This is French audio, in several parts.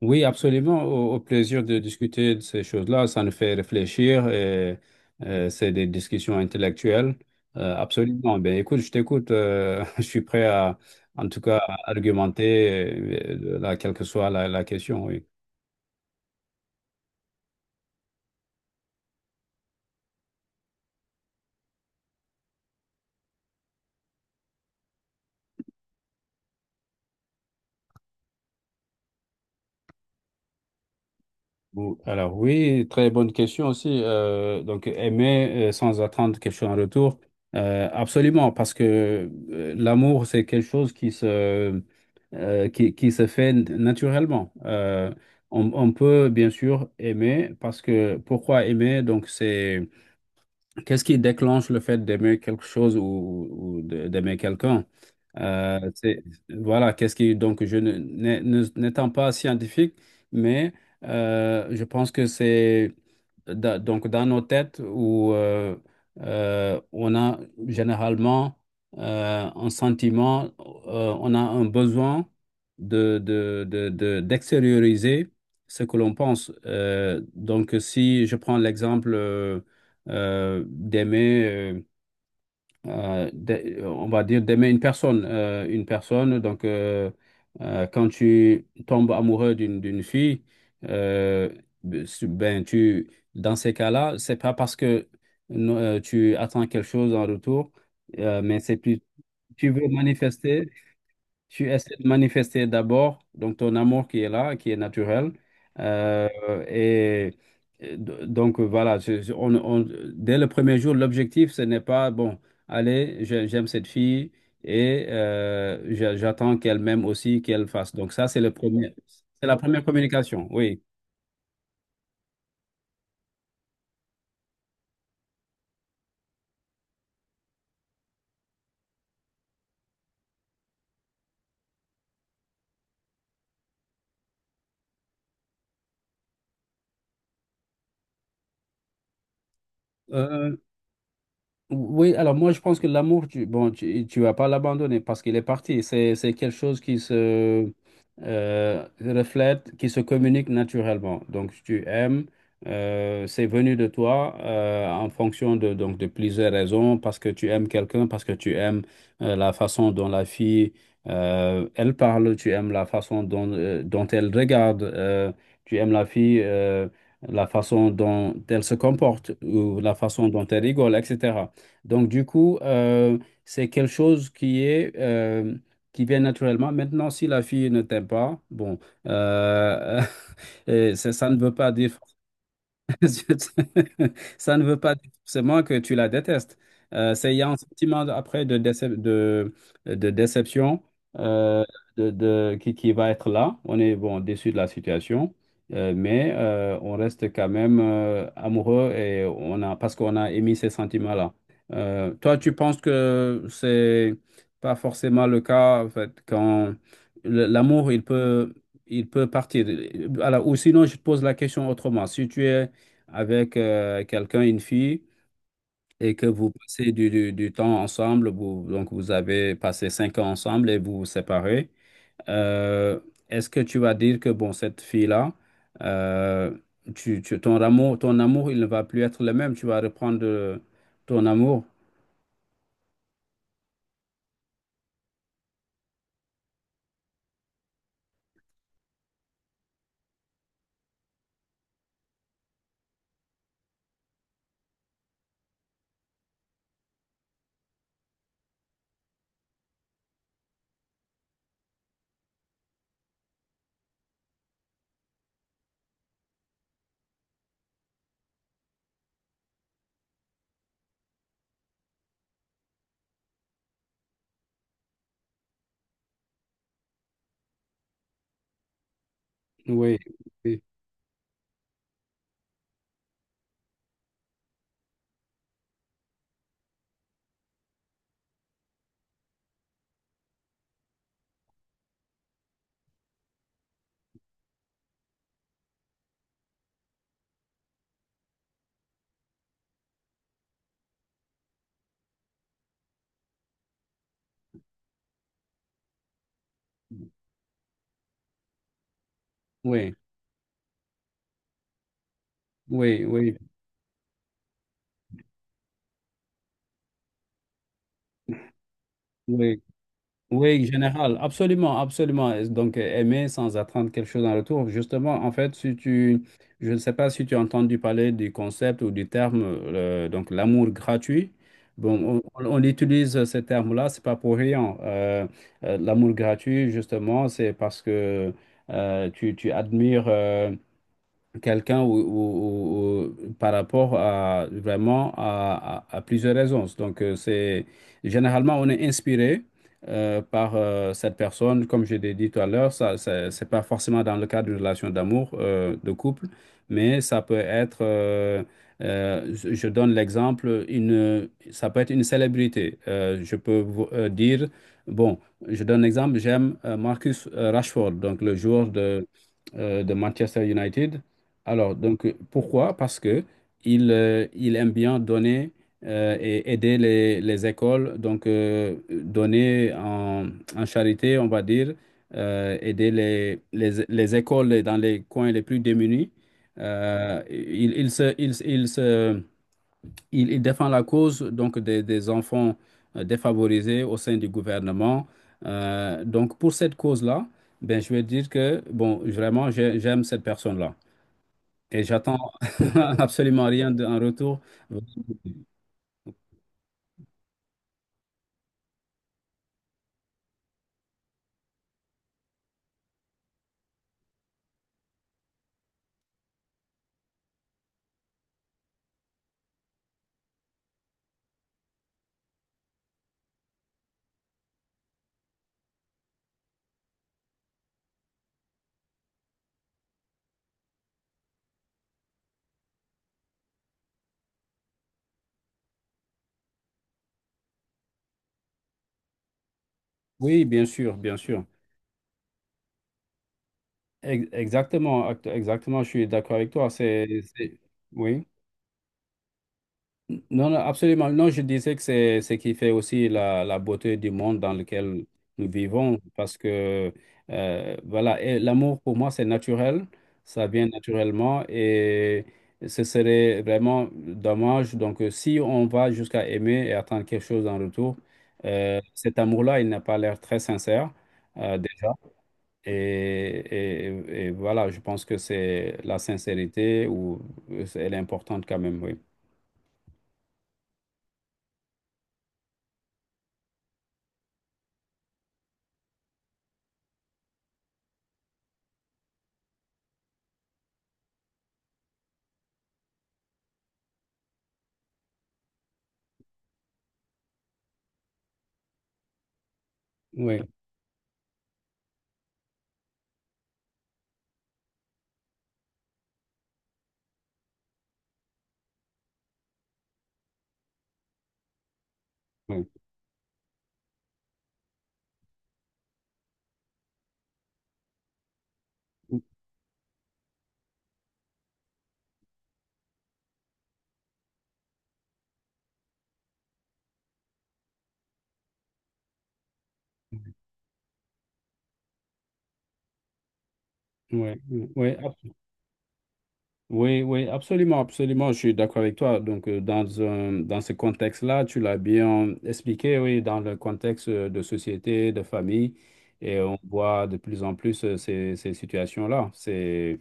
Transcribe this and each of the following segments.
Oui, absolument. Au plaisir de discuter de ces choses-là, ça nous fait réfléchir et c'est des discussions intellectuelles. Absolument. Ben, écoute, je t'écoute. Je suis prêt à, en tout cas, à argumenter, là, quelle que soit la question. Oui. Bon, alors oui, très bonne question aussi. Donc aimer sans attendre quelque chose en retour, absolument, parce que l'amour c'est quelque chose qui se qui se fait naturellement. On peut bien sûr aimer parce que pourquoi aimer? Donc c'est qu'est-ce qui déclenche le fait d'aimer quelque chose ou, d'aimer quelqu'un? Euh, c'est- voilà, qu'est-ce qui, donc, je ne- n'ai- ne- n'étant pas scientifique, mais je pense que c'est donc dans nos têtes où on a généralement un sentiment, on a un besoin d'extérioriser ce que l'on pense. Donc, si je prends l'exemple. D'aimer, euh, d'a- on va dire, d'aimer une personne. Une personne, donc, quand tu tombes amoureux d'une fille, euh, ben, tu, dans ces cas-là, c'est pas parce que no, tu attends quelque chose en retour, mais c'est plus, tu veux manifester. Tu essaies de manifester d'abord donc ton amour qui est là, qui est naturel. Euh, et donc voilà, dès le premier jour, l'objectif, ce n'est pas, bon, allez, j'aime cette fille et j'attends qu'elle m'aime aussi, qu'elle fasse. Donc ça, c'est le premier, c'est la première communication, oui. Oui, alors moi je pense que l'amour, tu, bon, tu vas pas l'abandonner parce qu'il est parti. C'est quelque chose qui se reflète, qui se communique naturellement. Donc tu aimes, c'est venu de toi en fonction de, donc, de plusieurs raisons, parce que tu aimes quelqu'un, parce que tu aimes la façon dont la fille, elle parle, tu aimes la façon dont, dont elle regarde, tu aimes la fille. La façon dont elle se comporte ou la façon dont elle rigole, etc. Donc, du coup, c'est quelque chose qui est, qui vient naturellement. Maintenant, si la fille ne t'aime pas, bon, euh, et ça ne veut pas dire ça ne veut pas dire forcément que tu la détestes. C'est, il y a un sentiment après de déception euh, qui va être là. On est bon, déçu de la situation, mais on reste quand même amoureux et on a, parce qu'on a émis ces sentiments-là. Toi, tu penses que c'est pas forcément le cas, en fait, quand l'amour, il peut partir. Alors, ou sinon, je te pose la question autrement. Si tu es avec quelqu'un, une fille, et que vous passez du temps ensemble, vous, donc vous avez passé 5 ans ensemble et vous vous séparez, euh, est-ce que tu vas dire que, bon, cette fille-là, euh, ton amour, il ne va plus être le même, tu vas reprendre ton amour? Oui, oui, oui, oui, oui, oui. Oui, général, absolument, absolument. Et donc, aimer sans attendre quelque chose en retour. Justement, en fait, si tu, je ne sais pas si tu as entendu parler du concept ou du terme, donc l'amour gratuit. Bon, on utilise ce terme-là, c'est pas pour rien. L'amour gratuit, justement, c'est parce que tu, tu admires. Quelqu'un ou par rapport à vraiment à plusieurs raisons. Donc, c'est généralement on est inspiré par cette personne, comme je l'ai dit tout à l'heure, c'est pas forcément dans le cadre d'une relation d'amour, de couple, mais ça peut être, je donne l'exemple, une, ça peut être une célébrité. Je peux vous dire, bon, je donne l'exemple, j'aime Marcus Rashford, donc le joueur de Manchester United. Alors, donc, pourquoi? Parce que il aime bien donner et aider les écoles, donc donner en, en charité, on va dire, aider les écoles dans les coins les plus démunis. Il se, il, se- il se- il défend la cause donc des enfants défavorisés au sein du gouvernement. Donc, pour cette cause-là, ben, je vais dire que, bon, vraiment, j'aime cette personne-là. Et j'attends absolument rien en retour. Oui, bien sûr, bien sûr. Exactement, exactement, je suis d'accord avec toi. C'est- Oui. Non, non, absolument. Non, je disais que c'est ce qui fait aussi la beauté du monde dans lequel nous vivons, parce que voilà, et l'amour pour moi, c'est naturel, ça vient naturellement, et ce serait vraiment dommage. Donc, si on va jusqu'à aimer et attendre quelque chose en retour, cet amour-là, il n'a pas l'air très sincère déjà. Et voilà, je pense que c'est la sincérité ou elle est importante quand même, oui. Oui. Oui. Ouais, ouais, ab- ouais, absolument, absolument, je suis d'accord avec toi. Donc, dans ce contexte-là, tu l'as bien expliqué, oui, dans le contexte de société, de famille, et on voit de plus en plus ces situations-là. C'est,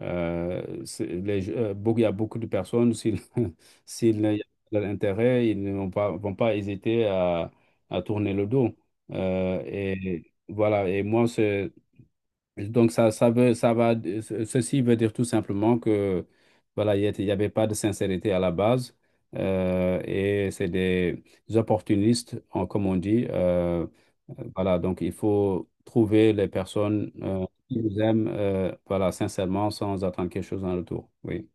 euh, c'est- les je- euh, beaucoup- Il y a beaucoup de personnes, s'ils s'ils n'y a pas d'intérêt, ils ne vont pas, vont pas hésiter à tourner le dos. Et voilà, et moi, c'est. Donc ça veut, ça va, ce- ceci veut dire tout simplement que voilà, il y avait pas de sincérité à la base et c'est des opportunistes, comme on dit. Voilà, donc il faut trouver les personnes qui nous aiment, voilà, sincèrement, sans attendre quelque chose en retour. Oui,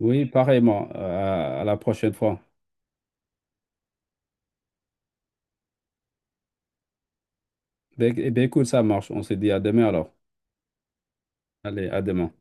oui, pareillement. À, à la prochaine fois. Ben, eh ben, écoute, ça marche. On se dit à demain alors. Allez, à demain.